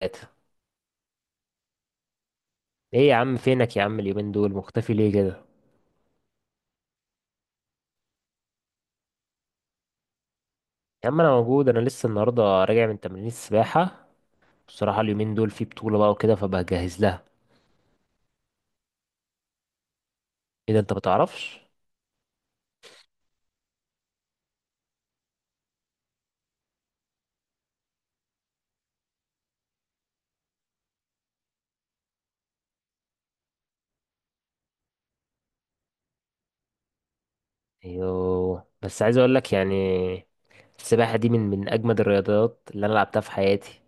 ثلاثة. ايه يا عم، فينك يا عم؟ اليومين دول مختفي ليه كده؟ يا عم انا موجود، انا لسه النهارده راجع من تمرين السباحة. بصراحة اليومين دول في بطولة بقى وكده فبجهز لها. ايه ده، انت بتعرفش؟ ايوه، بس عايز اقول لك يعني السباحة دي من اجمد الرياضات اللي انا لعبتها في حياتي.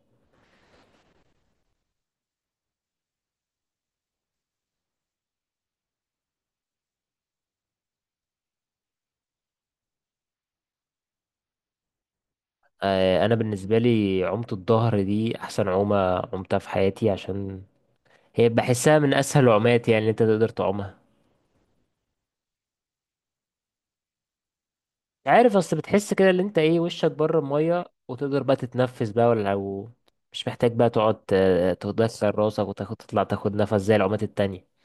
انا بالنسبة لي عومة الظهر دي احسن عومة عمتها في حياتي، عشان هي بحسها من اسهل العومات، يعني اللي انت تقدر تعومها. عارف، اصل بتحس كده اللي انت ايه وشك بره الميه وتقدر بقى تتنفس بقى، ولا لو مش محتاج بقى تقعد تدخل راسك وتاخد تطلع تاخد نفس زي العومات التانية.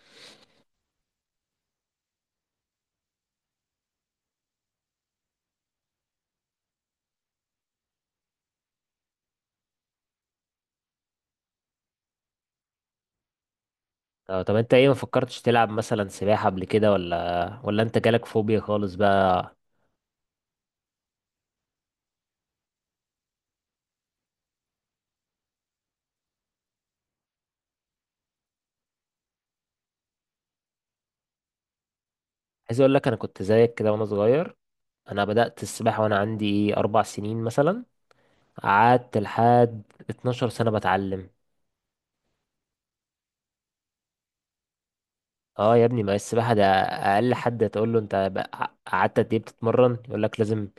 اه، طب انت ايه ما فكرتش تلعب مثلا سباحة قبل كده؟ ولا انت جالك فوبيا خالص بقى؟ عايز اقول لك انا كنت زيك كده وانا صغير. انا بدأت السباحة وانا عندي ايه اربع سنين مثلا، قعدت لحد 12 سنة بتعلم. اه يا ابني، ما السباحة ده اقل حد تقول له انت قعدت قد ايه بتتمرن يقول لك لازم،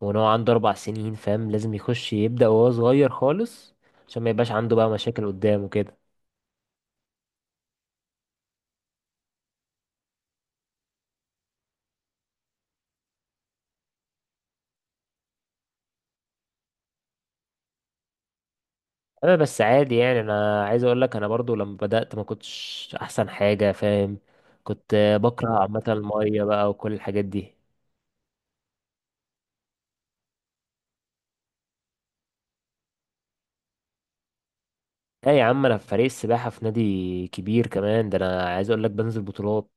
وان هو عنده اربع سنين، فاهم؟ لازم يخش يبدأ وهو صغير خالص عشان ما يبقاش عنده بقى مشاكل قدام وكده. انا بس عادي يعني، انا عايز اقول لك انا برضو لما بدأت ما كنتش احسن حاجة، فاهم؟ كنت بكره عامة المية بقى وكل الحاجات دي. لا يا عم، انا في فريق السباحة في نادي كبير كمان، ده انا عايز اقول لك بنزل بطولات.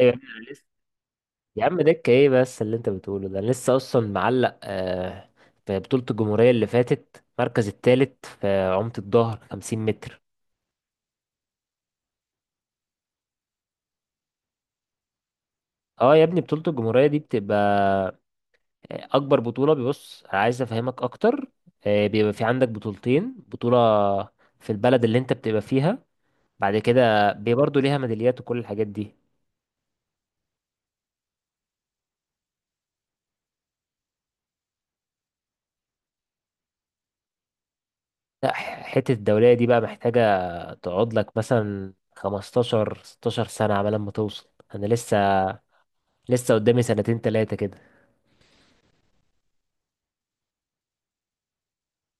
ايوه يا عم انا لسه، يا عم دكة ايه بس اللي انت بتقوله ده، انا لسه اصلا معلق في بطولة الجمهورية اللي فاتت المركز التالت في عمت الظهر 50 متر. اه يا ابني، بطولة الجمهورية دي بتبقى أكبر بطولة. بيبص، عايز أفهمك أكتر، بيبقى في عندك بطولتين، بطولة في البلد اللي أنت بتبقى فيها، بعد كده برضه ليها ميداليات وكل الحاجات دي. لا، حتة الدولية دي بقى محتاجة تقعد لك مثلا 15 16 سنة على ما توصل. أنا لسه، لسه قدامي سنتين تلاتة كده.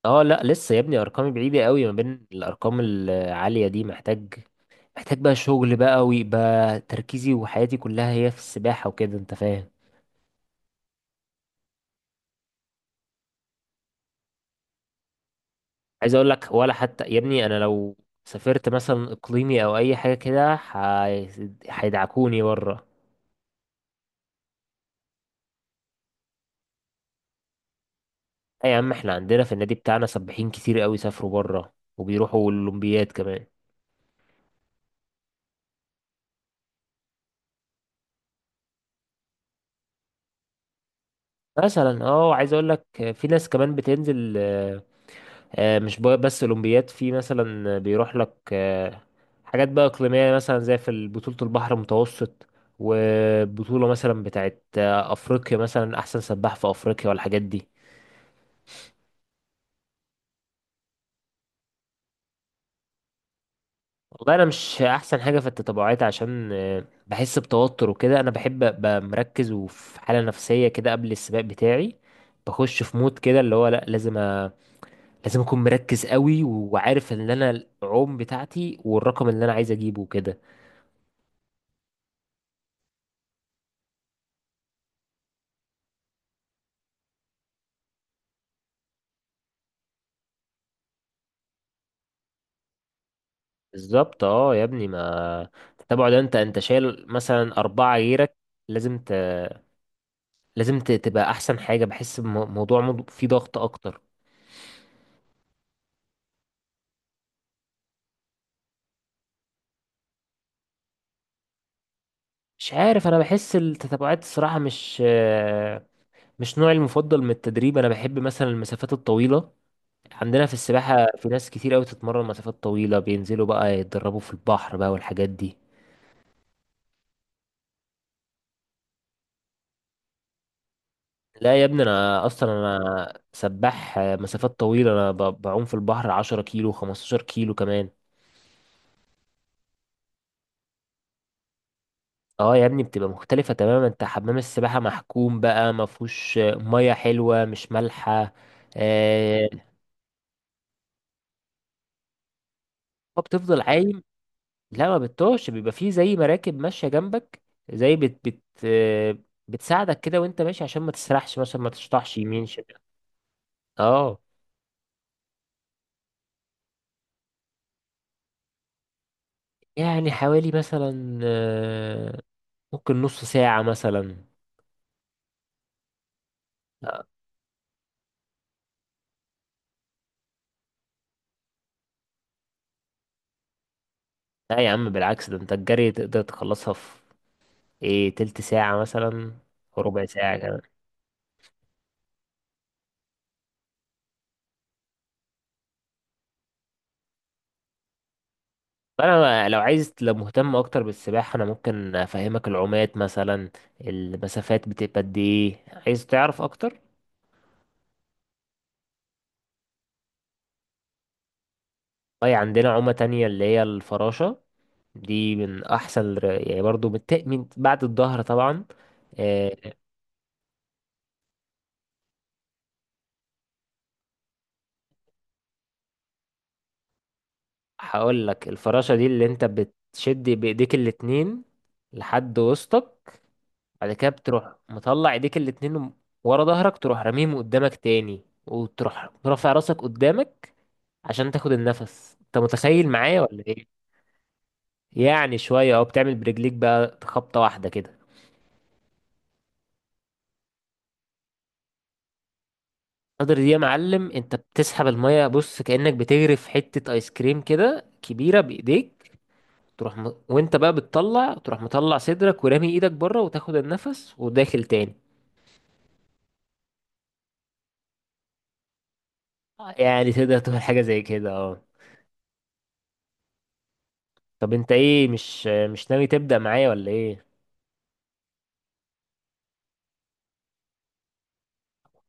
اه، لا لسه يا ابني، أرقامي بعيدة قوي ما بين الأرقام العالية دي. محتاج، محتاج بقى شغل بقى، ويبقى تركيزي وحياتي كلها هي في السباحة وكده، انت فاهم. عايز اقول لك ولا حتى يا ابني، انا لو سافرت مثلا اقليمي او اي حاجة كده هيدعكوني بره. اي يا عم، احنا عندنا في النادي بتاعنا سباحين كتير قوي سافروا بره وبيروحوا الاولمبياد كمان. مثلا اه، عايز اقول لك في ناس كمان بتنزل مش بقى- بس اولمبياد، في مثلا بيروح لك حاجات بقى اقليميه، مثلا زي في بطوله البحر المتوسط، وبطوله مثلا بتاعت افريقيا، مثلا احسن سباح في افريقيا والحاجات دي. والله انا مش احسن حاجه في التتابعات، عشان بحس بتوتر وكده. انا بحب ابقى مركز وفي حاله نفسيه كده قبل السباق بتاعي. بخش في مود كده اللي هو لا، لازم اكون مركز قوي وعارف ان انا العوم بتاعتي والرقم اللي انا عايز اجيبه كده. بالظبط اه يا ابني، ما التتابع ده انت شايل مثلا اربعة غيرك، لازم ت... تبقى احسن حاجة. بحس بموضوع، فيه ضغط اكتر. مش عارف، انا بحس التتابعات الصراحة مش مش نوعي المفضل من التدريب. انا بحب مثلا المسافات الطويلة. عندنا في السباحة في ناس كتير قوي تتمرن مسافات طويلة، بينزلوا بقى يتدربوا في البحر بقى والحاجات دي. لا يا ابني، انا اصلا انا سباح مسافات طويلة. انا بعوم في البحر 10 كيلو 15 كيلو كمان. اه يا ابني بتبقى مختلفة تماما. انت حمام السباحة محكوم بقى، ما فيهوش مية حلوة مش مالحة. آه. هو بتفضل عايم. لا ما بتطوش، بيبقى فيه زي مراكب ماشية جنبك، زي بت بتساعدك كده وانت ماشي عشان ما تسرحش مثلا، ما تشطحش يمين شمال. اه، يعني حوالي مثلا ممكن نص ساعة مثلا. لا لا يا عم بالعكس، ده انت الجري تقدر تخلصها في ايه تلت ساعة مثلا وربع ساعة كمان. فانا لو عايز، لو مهتم اكتر بالسباحه انا ممكن افهمك العومات، مثلا المسافات بتبقى قد ايه، عايز تعرف اكتر؟ طيب عندنا عومه تانية اللي هي الفراشه. دي من احسن يعني، برضو من بعد الظهر طبعا. أه، هقول لك، الفراشه دي اللي انت بتشد بايديك الاتنين لحد وسطك، بعد كده بتروح مطلع ايديك الاتنين ورا ظهرك، تروح راميهم قدامك تاني وتروح رافع راسك قدامك عشان تاخد النفس. انت متخيل معايا ولا ايه؟ يعني شويه اهو، بتعمل برجليك بقى خبطه واحده كده. القدر دي يا معلم، انت بتسحب الميه، بص كأنك بتغرف حته ايس كريم كده كبيره بايديك، وانت بقى بتطلع تروح مطلع صدرك ورامي ايدك بره وتاخد النفس وداخل تاني. يعني تقدر تعمل حاجه زي كده، اه. طب انت ايه، مش ناوي تبدأ معايا ولا ايه؟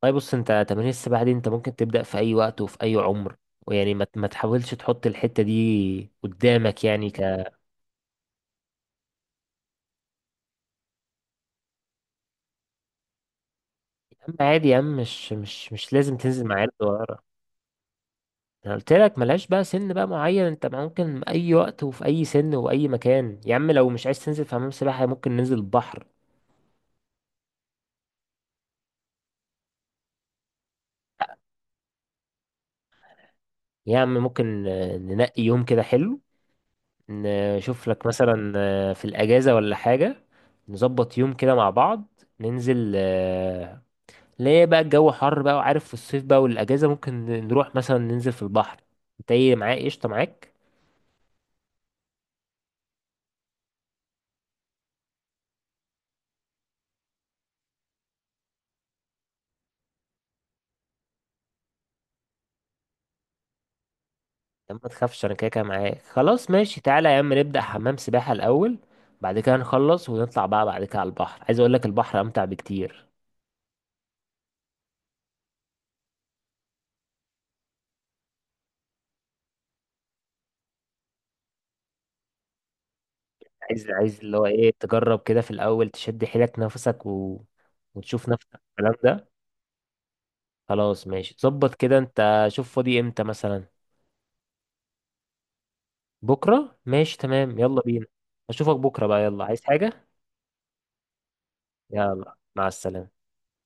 طيب بص، انت تمارين السباحة دي انت ممكن تبدأ في اي وقت وفي اي عمر، ويعني ما تحاولش تحط الحتة دي قدامك يعني ك يا عم. عادي يا عم، مش لازم تنزل مع عيال صغيرة. انا قلت لك ملهاش بقى سن بقى معين، انت ممكن اي وقت وفي اي سن وأي مكان يا عم. لو مش عايز تنزل في حمام سباحة ممكن ننزل البحر. يا عم ممكن ننقي يوم كده حلو، نشوف لك مثلا في الأجازة ولا حاجة، نظبط يوم كده مع بعض ننزل. ليه بقى الجو حر بقى وعارف في الصيف بقى والاجازه، ممكن نروح مثلا ننزل في البحر. انت ايه معايا، قشطه معاك؟ لا ما تخافش، انا كده كده معاك خلاص ماشي. تعالى يا عم نبدا حمام سباحه الاول، بعد كده نخلص ونطلع بقى بعد كده على البحر. عايز اقول لك البحر امتع بكتير. عايز، عايز اللي هو ايه، تجرب كده في الاول تشد حيلك نفسك وتشوف نفسك الكلام ده. خلاص ماشي، ظبط كده، انت شوف فاضي امتى مثلا. بكره ماشي تمام، يلا بينا. اشوفك بكره بقى، يلا. عايز حاجه؟ يلا مع السلامه.